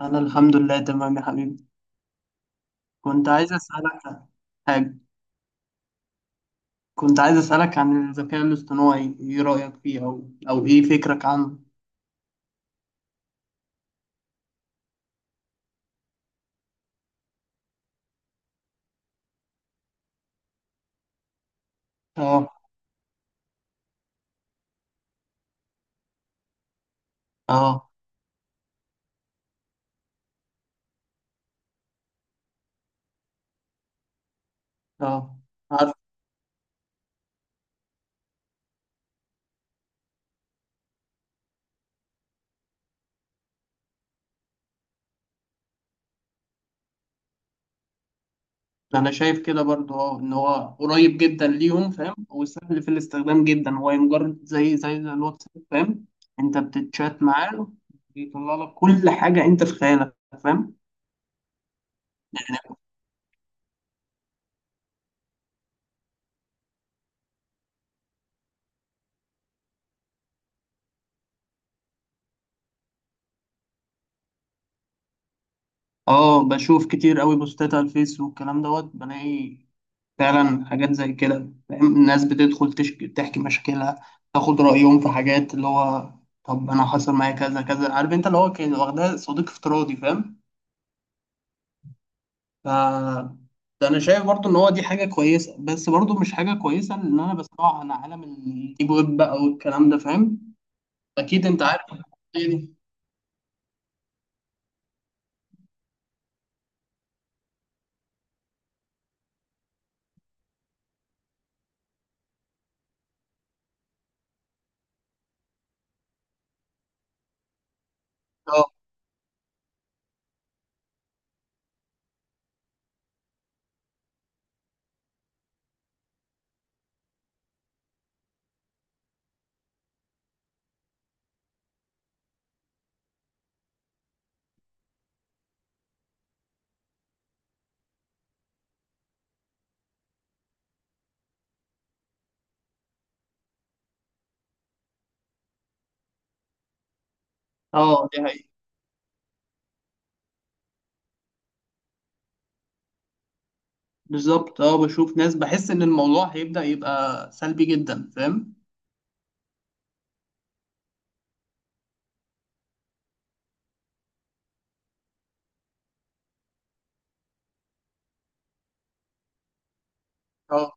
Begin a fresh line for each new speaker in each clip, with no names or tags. أنا الحمد لله تمام يا حبيبي. كنت عايز أسألك عن حاجة. كنت عايز أسألك عن الذكاء الاصطناعي، إيه رأيك فيه أو إيه فكرك عنه؟ آه. آه. آه، عارف. أنا شايف كده برضو، أه إن هو قريب جدا ليهم، فاهم، وسهل في الاستخدام جدا، هو مجرد زي الواتساب، فاهم؟ أنت بتتشات معاه، بيطلع لك كل حاجة أنت في خيالك، فاهم؟ آه، بشوف كتير أوي بوستات على الفيس والكلام دوت، بلاقي فعلا حاجات زي كده، فاهم، الناس بتدخل تشكي تحكي مشاكلها، تاخد رأيهم في حاجات، اللي هو طب أنا حصل معايا كذا كذا، عارف، أنت اللي هو كان واخدها صديق افتراضي، فاهم؟ ف ده أنا شايف برضو إن هو دي حاجة كويسة، بس برضو مش حاجة كويسة إن أنا بسمعه عن عالم الديب ويب بقى والكلام ده، فاهم؟ أكيد أنت عارف الحكاية دي. أه. أه، دي حقيقة. بالظبط، أه بشوف ناس، بحس إن الموضوع هيبدأ يبقى سلبي جدا، فاهم؟ أه،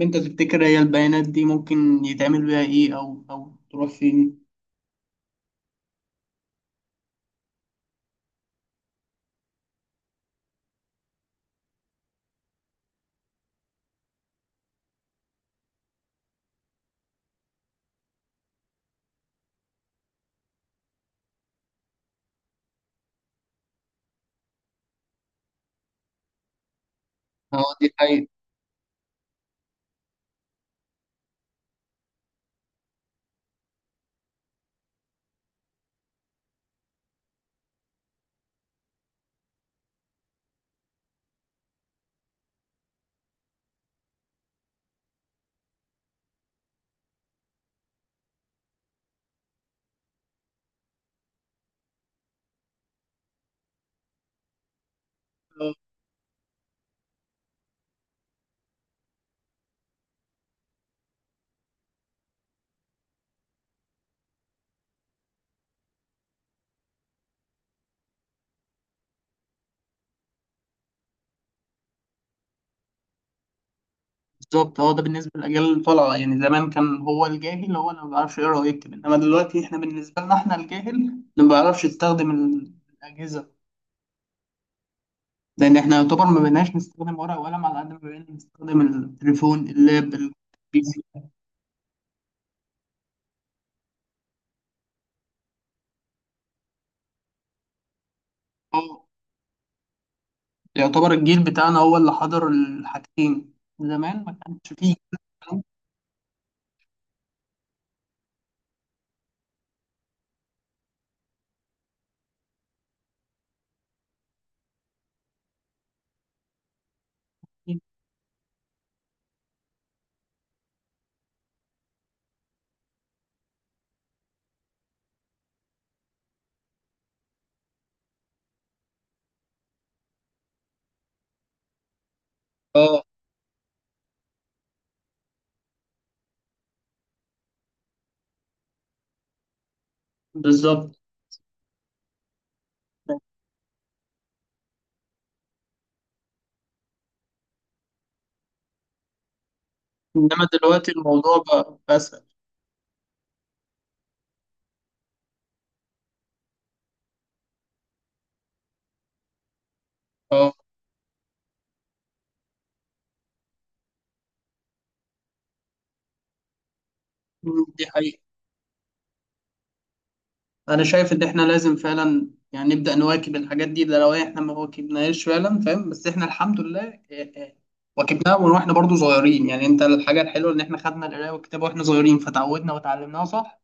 انت تفتكر هي البيانات دي ممكن يتعمل بيها ايه، او تروح فين؟ اه، دي حقيقة. اه، بالظبط. هو ده بالنسبة للأجيال الطالعة، يعني زمان كان هو الجاهل هو اللي ما بيعرفش يقرا ويكتب، إنما دلوقتي احنا بالنسبة لنا احنا الجاهل اللي ما بيعرفش يستخدم الأجهزة. لأن احنا يعتبر ما بقيناش نستخدم ورق وقلم على قد ما بقينا نستخدم التليفون، اللاب، البي سي. اه، يعتبر الجيل بتاعنا هو اللي حضر الحاجتين، زمان ما كانش فيه الكلام ده. اه، بالظبط. انما دلوقتي الموضوع بقى اسهل. اه. مم، دي حقيقة. انا شايف ان احنا لازم فعلا، يعني نبدأ نواكب الحاجات دي، ده لو احنا ما واكبناهاش فعلا، فاهم، بس احنا الحمد لله إيه إيه، واكبناها من واحنا برضو صغيرين. يعني انت الحاجة الحلوة ان احنا خدنا القراية والكتابة واحنا صغيرين فتعودنا وتعلمناها صح،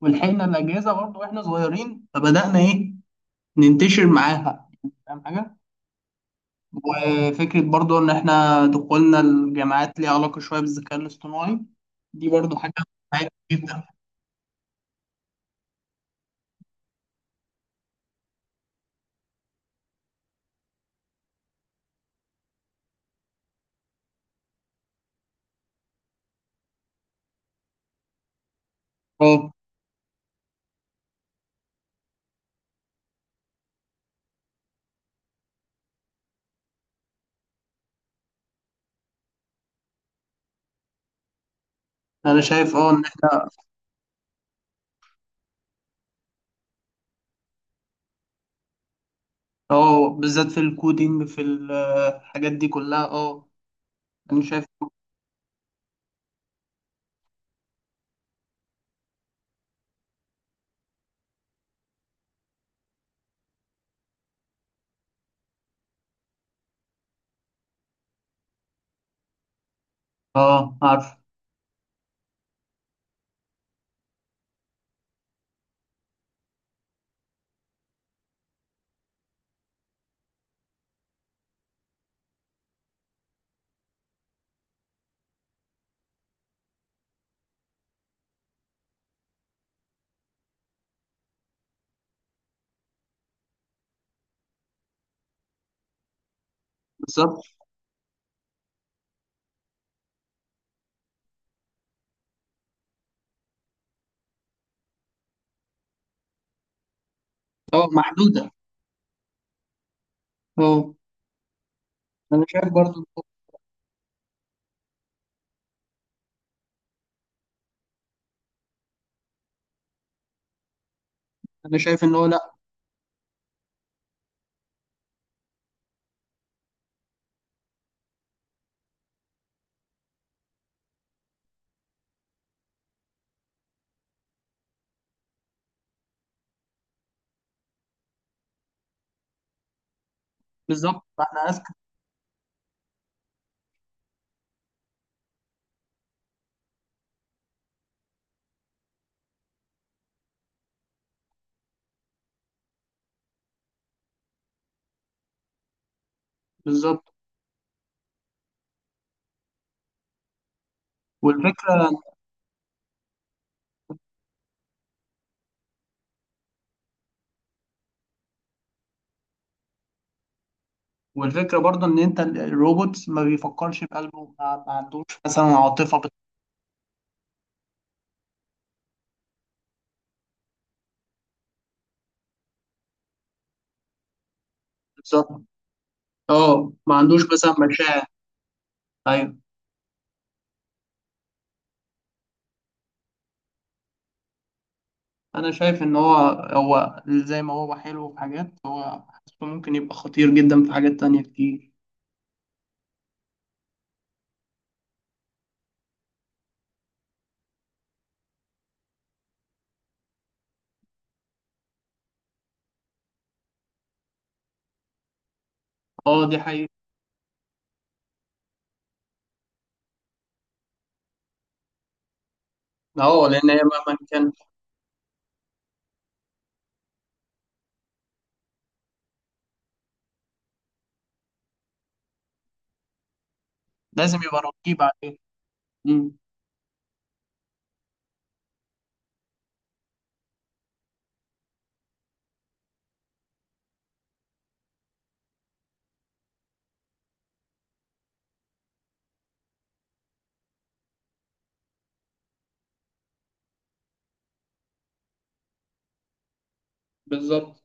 ولحقنا الأجهزة برضو واحنا صغيرين فبدأنا ايه ننتشر معاها، فاهم حاجة؟ وفكرة برضو ان احنا دخولنا الجامعات ليها علاقة شوية بالذكاء الاصطناعي، دي برضو حاجة مهمة جدا. اه. انا شايف اه ان احنا اه بالذات في الكودينج في الحاجات دي كلها. اه. انا شايف اه. عارف. بالظبط. اه، محدوده. اه. انا شايف برضو. انا شايف ان هو لا. بالظبط، احنا اذكى. بالظبط. والفكره. والفكره برضو ان انت الروبوت ما بيفكرش بقلبه، ما عندوش مثلا عاطفه بالظبط. اه، ما عندوش مثلا مشاعر. ايوه. انا شايف ان هو زي ما هو حلو في حاجات، هو حاسه ممكن يبقى خطير جدا في حاجات تانية كتير. اه، دي حقيقة. اه، لأن هي مهما كان، لازم يبقى رقيب عليه. مم. بالظبط.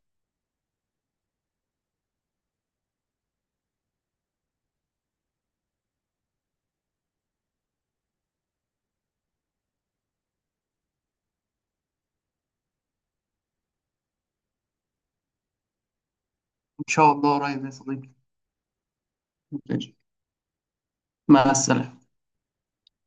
إن شاء الله قريب يا صديقي. ماشي. مع السلامة.